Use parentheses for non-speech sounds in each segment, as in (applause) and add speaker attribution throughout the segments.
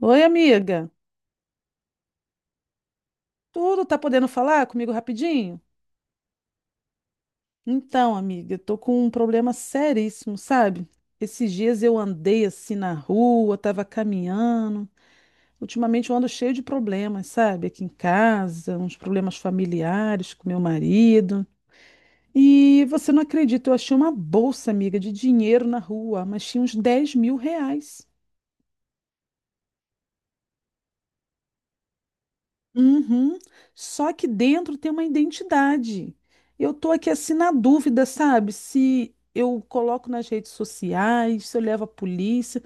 Speaker 1: Oi, amiga. Tudo tá podendo falar comigo rapidinho? Então, amiga, tô com um problema seríssimo, sabe? Esses dias eu andei assim na rua, tava caminhando. Ultimamente eu ando cheio de problemas, sabe? Aqui em casa, uns problemas familiares com meu marido. E você não acredita, eu achei uma bolsa, amiga, de dinheiro na rua, mas tinha uns R$ 10.000. Uhum. Só que dentro tem uma identidade. Eu tô aqui assim na dúvida, sabe? Se eu coloco nas redes sociais, se eu levo a polícia.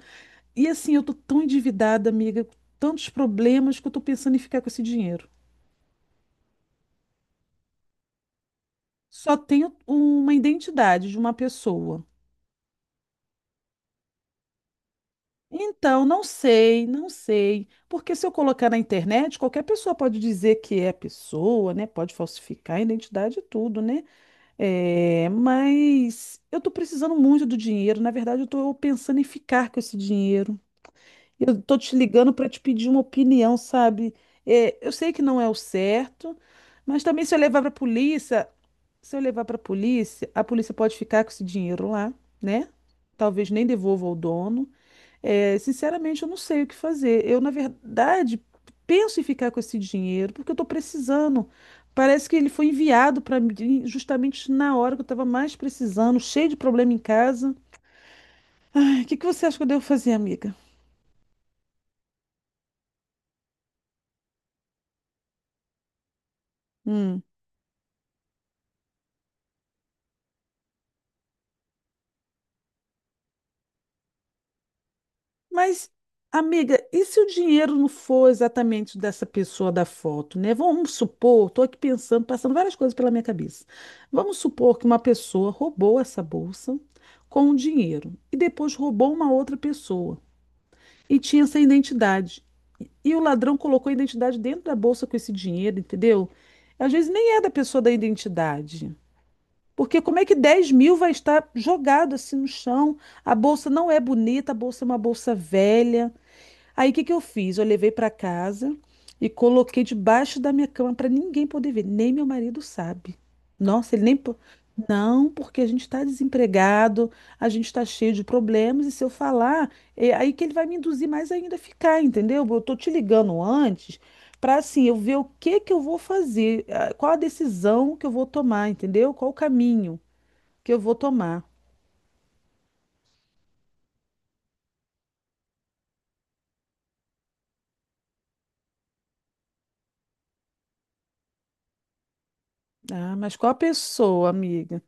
Speaker 1: E assim, eu tô tão endividada, amiga, com tantos problemas que eu tô pensando em ficar com esse dinheiro. Só tenho uma identidade de uma pessoa. Então, não sei, não sei. Porque se eu colocar na internet, qualquer pessoa pode dizer que é a pessoa, né? Pode falsificar a identidade e tudo, né? É, mas eu tô precisando muito do dinheiro. Na verdade, eu tô pensando em ficar com esse dinheiro. Eu tô te ligando para te pedir uma opinião, sabe? É, eu sei que não é o certo, mas também se eu levar para polícia, se eu levar para polícia, a polícia pode ficar com esse dinheiro lá, né? Talvez nem devolva ao dono. É, sinceramente, eu não sei o que fazer. Eu, na verdade, penso em ficar com esse dinheiro porque eu estou precisando. Parece que ele foi enviado para mim justamente na hora que eu estava mais precisando, cheio de problema em casa. Ai, o que que você acha que eu devo fazer, amiga? Hum. Mas, amiga, e se o dinheiro não for exatamente dessa pessoa da foto, né? Vamos supor, estou aqui pensando, passando várias coisas pela minha cabeça. Vamos supor que uma pessoa roubou essa bolsa com o dinheiro e depois roubou uma outra pessoa. E tinha essa identidade. E o ladrão colocou a identidade dentro da bolsa com esse dinheiro, entendeu? Às vezes nem é da pessoa da identidade. Porque como é que 10.000 vai estar jogado assim no chão? A bolsa não é bonita, a bolsa é uma bolsa velha. Aí o que que eu fiz? Eu levei para casa e coloquei debaixo da minha cama para ninguém poder ver, nem meu marido sabe. Nossa, ele nem po- Não, porque a gente está desempregado, a gente está cheio de problemas, e se eu falar, é aí que ele vai me induzir mais ainda a ficar, entendeu? Eu tô te ligando antes para assim, eu ver o que que eu vou fazer, qual a decisão que eu vou tomar, entendeu? Qual o caminho que eu vou tomar. Ah, mas qual a pessoa, amiga?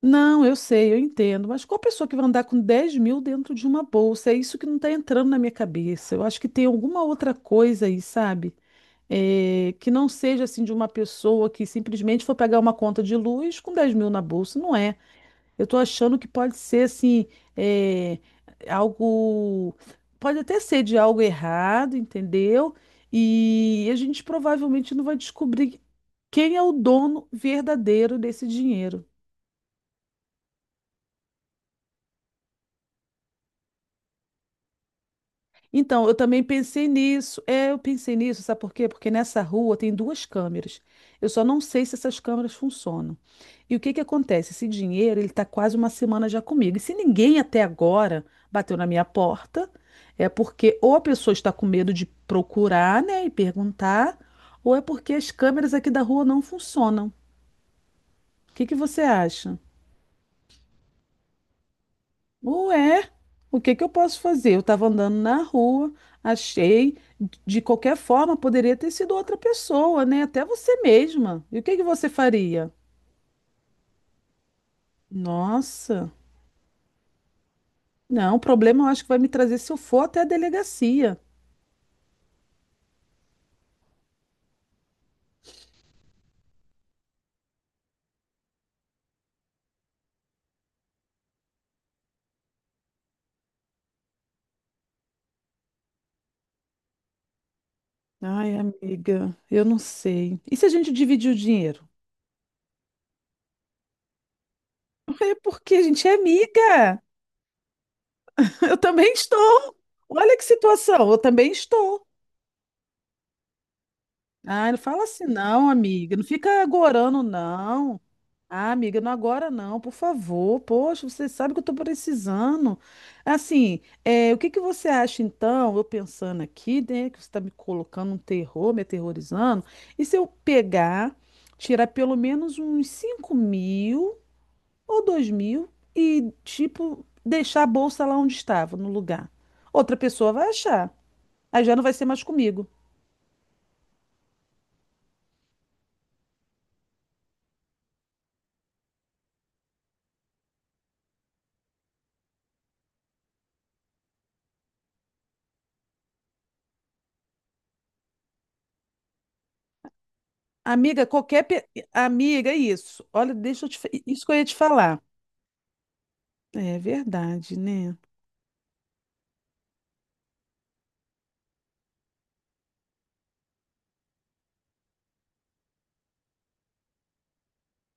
Speaker 1: Não, eu sei, eu entendo, mas qual pessoa que vai andar com 10.000 dentro de uma bolsa? É isso que não está entrando na minha cabeça. Eu acho que tem alguma outra coisa aí, sabe? É, que não seja assim de uma pessoa que simplesmente for pegar uma conta de luz com 10.000 na bolsa. Não é. Eu estou achando que pode ser assim, é, algo. Pode até ser de algo errado, entendeu? E a gente provavelmente não vai descobrir quem é o dono verdadeiro desse dinheiro. Então, eu também pensei nisso. É, eu pensei nisso, sabe por quê? Porque nessa rua tem duas câmeras. Eu só não sei se essas câmeras funcionam. E o que que acontece? Esse dinheiro, ele tá quase uma semana já comigo. E se ninguém até agora bateu na minha porta, é porque ou a pessoa está com medo de procurar, né, e perguntar, ou é porque as câmeras aqui da rua não funcionam. O que que você acha? Ué, o que que eu posso fazer? Eu estava andando na rua, achei, de qualquer forma, poderia ter sido outra pessoa, né? Até você mesma. E o que que você faria? Nossa, não, o problema eu acho que vai me trazer se eu for até a delegacia. Ai, amiga, eu não sei. E se a gente dividir o dinheiro? É porque a gente é amiga. (laughs) Eu também estou. Olha que situação, eu também estou. Ah, não fala assim, não, amiga. Não fica agorando, não. Ah, amiga, não agora não, por favor. Poxa, você sabe que eu estou precisando. Assim, o que que você acha então? Eu pensando aqui, né, que você está me colocando um terror, me aterrorizando. E se eu pegar, tirar pelo menos uns 5.000 ou 2.000 e, tipo, deixar a bolsa lá onde estava, no lugar? Outra pessoa vai achar. Aí já não vai ser mais comigo. Amiga, qualquer. pe- Amiga, é isso. Olha, deixa eu te. Fa- Isso que eu ia te falar. É verdade, né?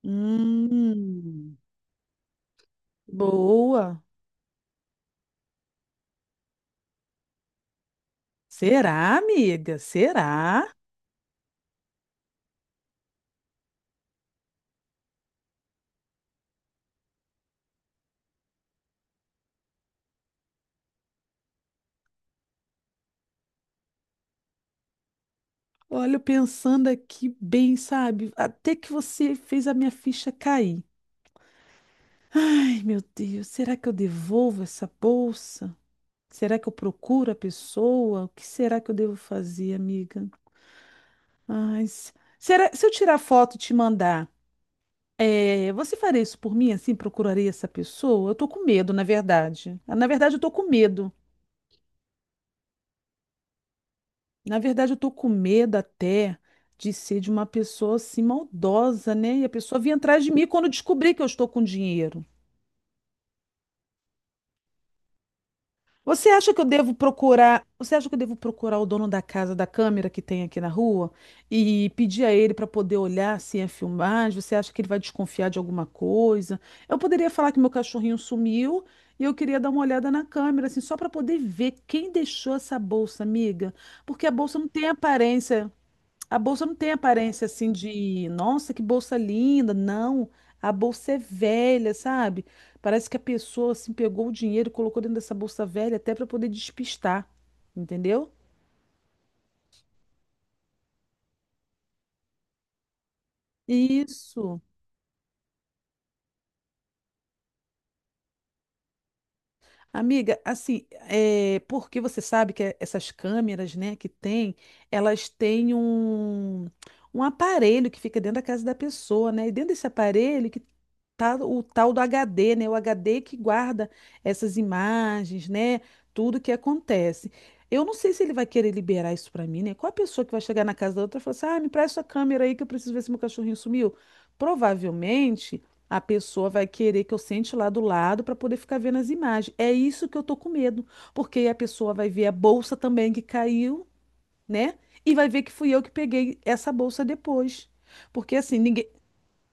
Speaker 1: Hum, boa. Será, amiga? Será? Olha, eu pensando aqui bem, sabe? Até que você fez a minha ficha cair. Ai, meu Deus, será que eu devolvo essa bolsa? Será que eu procuro a pessoa? O que será que eu devo fazer, amiga? Ai, será, se eu tirar foto e te mandar, você faria isso por mim, assim, procuraria essa pessoa? Eu tô com medo, na verdade. Na verdade, eu tô com medo. Na verdade, eu tô com medo até de ser de uma pessoa assim maldosa, né? E a pessoa vir atrás de mim quando descobrir que eu estou com dinheiro. Você acha que eu devo procurar? Você acha que eu devo procurar o dono da casa da câmera que tem aqui na rua e pedir a ele para poder olhar se é filmagem? Você acha que ele vai desconfiar de alguma coisa? Eu poderia falar que meu cachorrinho sumiu e eu queria dar uma olhada na câmera, assim, só para poder ver quem deixou essa bolsa, amiga, porque a bolsa não tem aparência. A bolsa não tem aparência assim de, nossa, que bolsa linda. Não, a bolsa é velha, sabe? Parece que a pessoa assim pegou o dinheiro e colocou dentro dessa bolsa velha até para poder despistar, entendeu? Isso. Amiga, assim, porque você sabe que essas câmeras, né, que tem, elas têm um aparelho que fica dentro da casa da pessoa, né? E dentro desse aparelho que tá o tal do HD, né? O HD que guarda essas imagens, né? Tudo que acontece. Eu não sei se ele vai querer liberar isso pra mim, né? Qual a pessoa que vai chegar na casa da outra e falar assim, ah, me presta sua câmera aí que eu preciso ver se meu cachorrinho sumiu? Provavelmente. A pessoa vai querer que eu sente lá do lado para poder ficar vendo as imagens. É isso que eu tô com medo, porque aí a pessoa vai ver a bolsa também que caiu, né? E vai ver que fui eu que peguei essa bolsa depois. Porque assim, ninguém.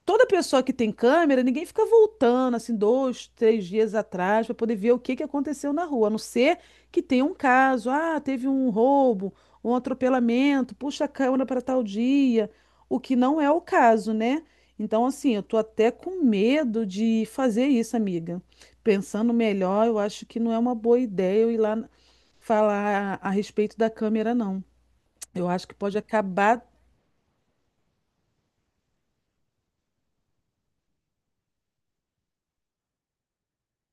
Speaker 1: Toda pessoa que tem câmera, ninguém fica voltando assim 2, 3 dias atrás para poder ver o que que aconteceu na rua, a não ser que tenha um caso, ah, teve um roubo, um atropelamento, puxa a câmera para tal dia, o que não é o caso, né? Então, assim, eu tô até com medo de fazer isso, amiga. Pensando melhor, eu acho que não é uma boa ideia eu ir lá falar a respeito da câmera, não. Eu acho que pode acabar.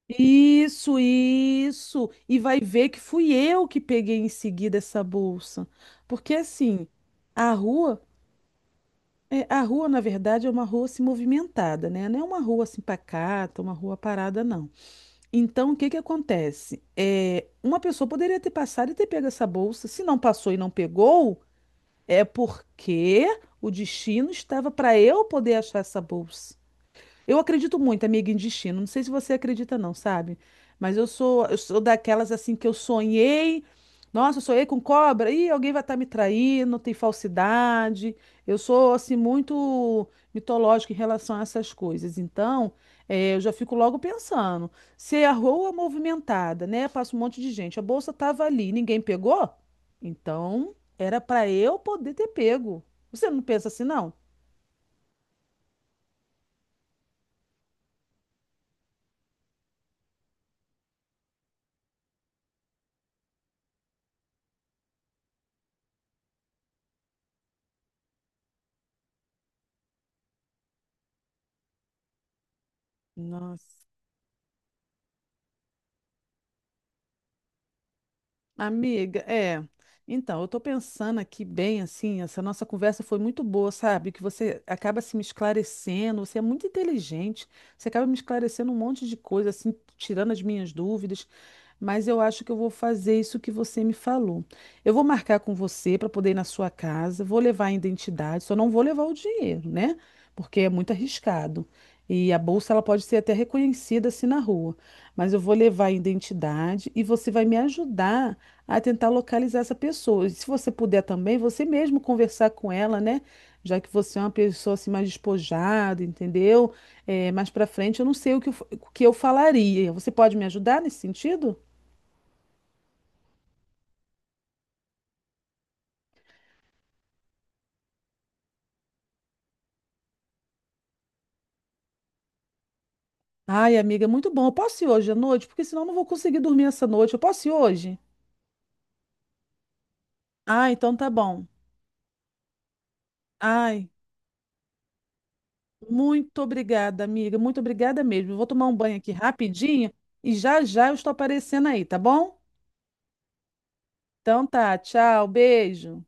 Speaker 1: Isso, isso. E vai ver que fui eu que peguei em seguida essa bolsa. Porque assim, a rua, a rua na verdade é uma rua assim movimentada, né? Não é uma rua assim pacata, uma rua parada não. Então, o que que acontece? Uma pessoa poderia ter passado e ter pego essa bolsa. Se não passou e não pegou, é porque o destino estava para eu poder achar essa bolsa. Eu acredito muito, amiga, em destino. Não sei se você acredita, não, sabe? Mas eu sou daquelas assim que eu sonhei. Nossa, eu sonhei com cobra. Ih, alguém vai estar me traindo, tem falsidade. Eu sou assim muito mitológica em relação a essas coisas. Então, eu já fico logo pensando. Se a rua movimentada, né? Passa um monte de gente. A bolsa estava ali, ninguém pegou? Então, era para eu poder ter pego. Você não pensa assim, não? Nossa. Amiga, é. Então, eu tô pensando aqui bem assim, essa nossa conversa foi muito boa, sabe? Que você acaba se me esclarecendo, você é muito inteligente, você acaba me esclarecendo um monte de coisa, assim, tirando as minhas dúvidas, mas eu acho que eu vou fazer isso que você me falou. Eu vou marcar com você para poder ir na sua casa, vou levar a identidade, só não vou levar o dinheiro, né? Porque é muito arriscado. E a bolsa ela pode ser até reconhecida assim na rua, mas eu vou levar a identidade e você vai me ajudar a tentar localizar essa pessoa. E se você puder também, você mesmo conversar com ela, né? Já que você é uma pessoa assim mais despojada, entendeu? Mais para frente, eu não sei o que o que eu falaria. Você pode me ajudar nesse sentido? Ai, amiga, é muito bom. Eu posso ir hoje à noite? Porque senão eu não vou conseguir dormir essa noite. Eu posso ir hoje? Ah, então tá bom. Ai, muito obrigada, amiga. Muito obrigada mesmo. Eu vou tomar um banho aqui rapidinho e já já eu estou aparecendo aí, tá bom? Então tá, tchau, beijo.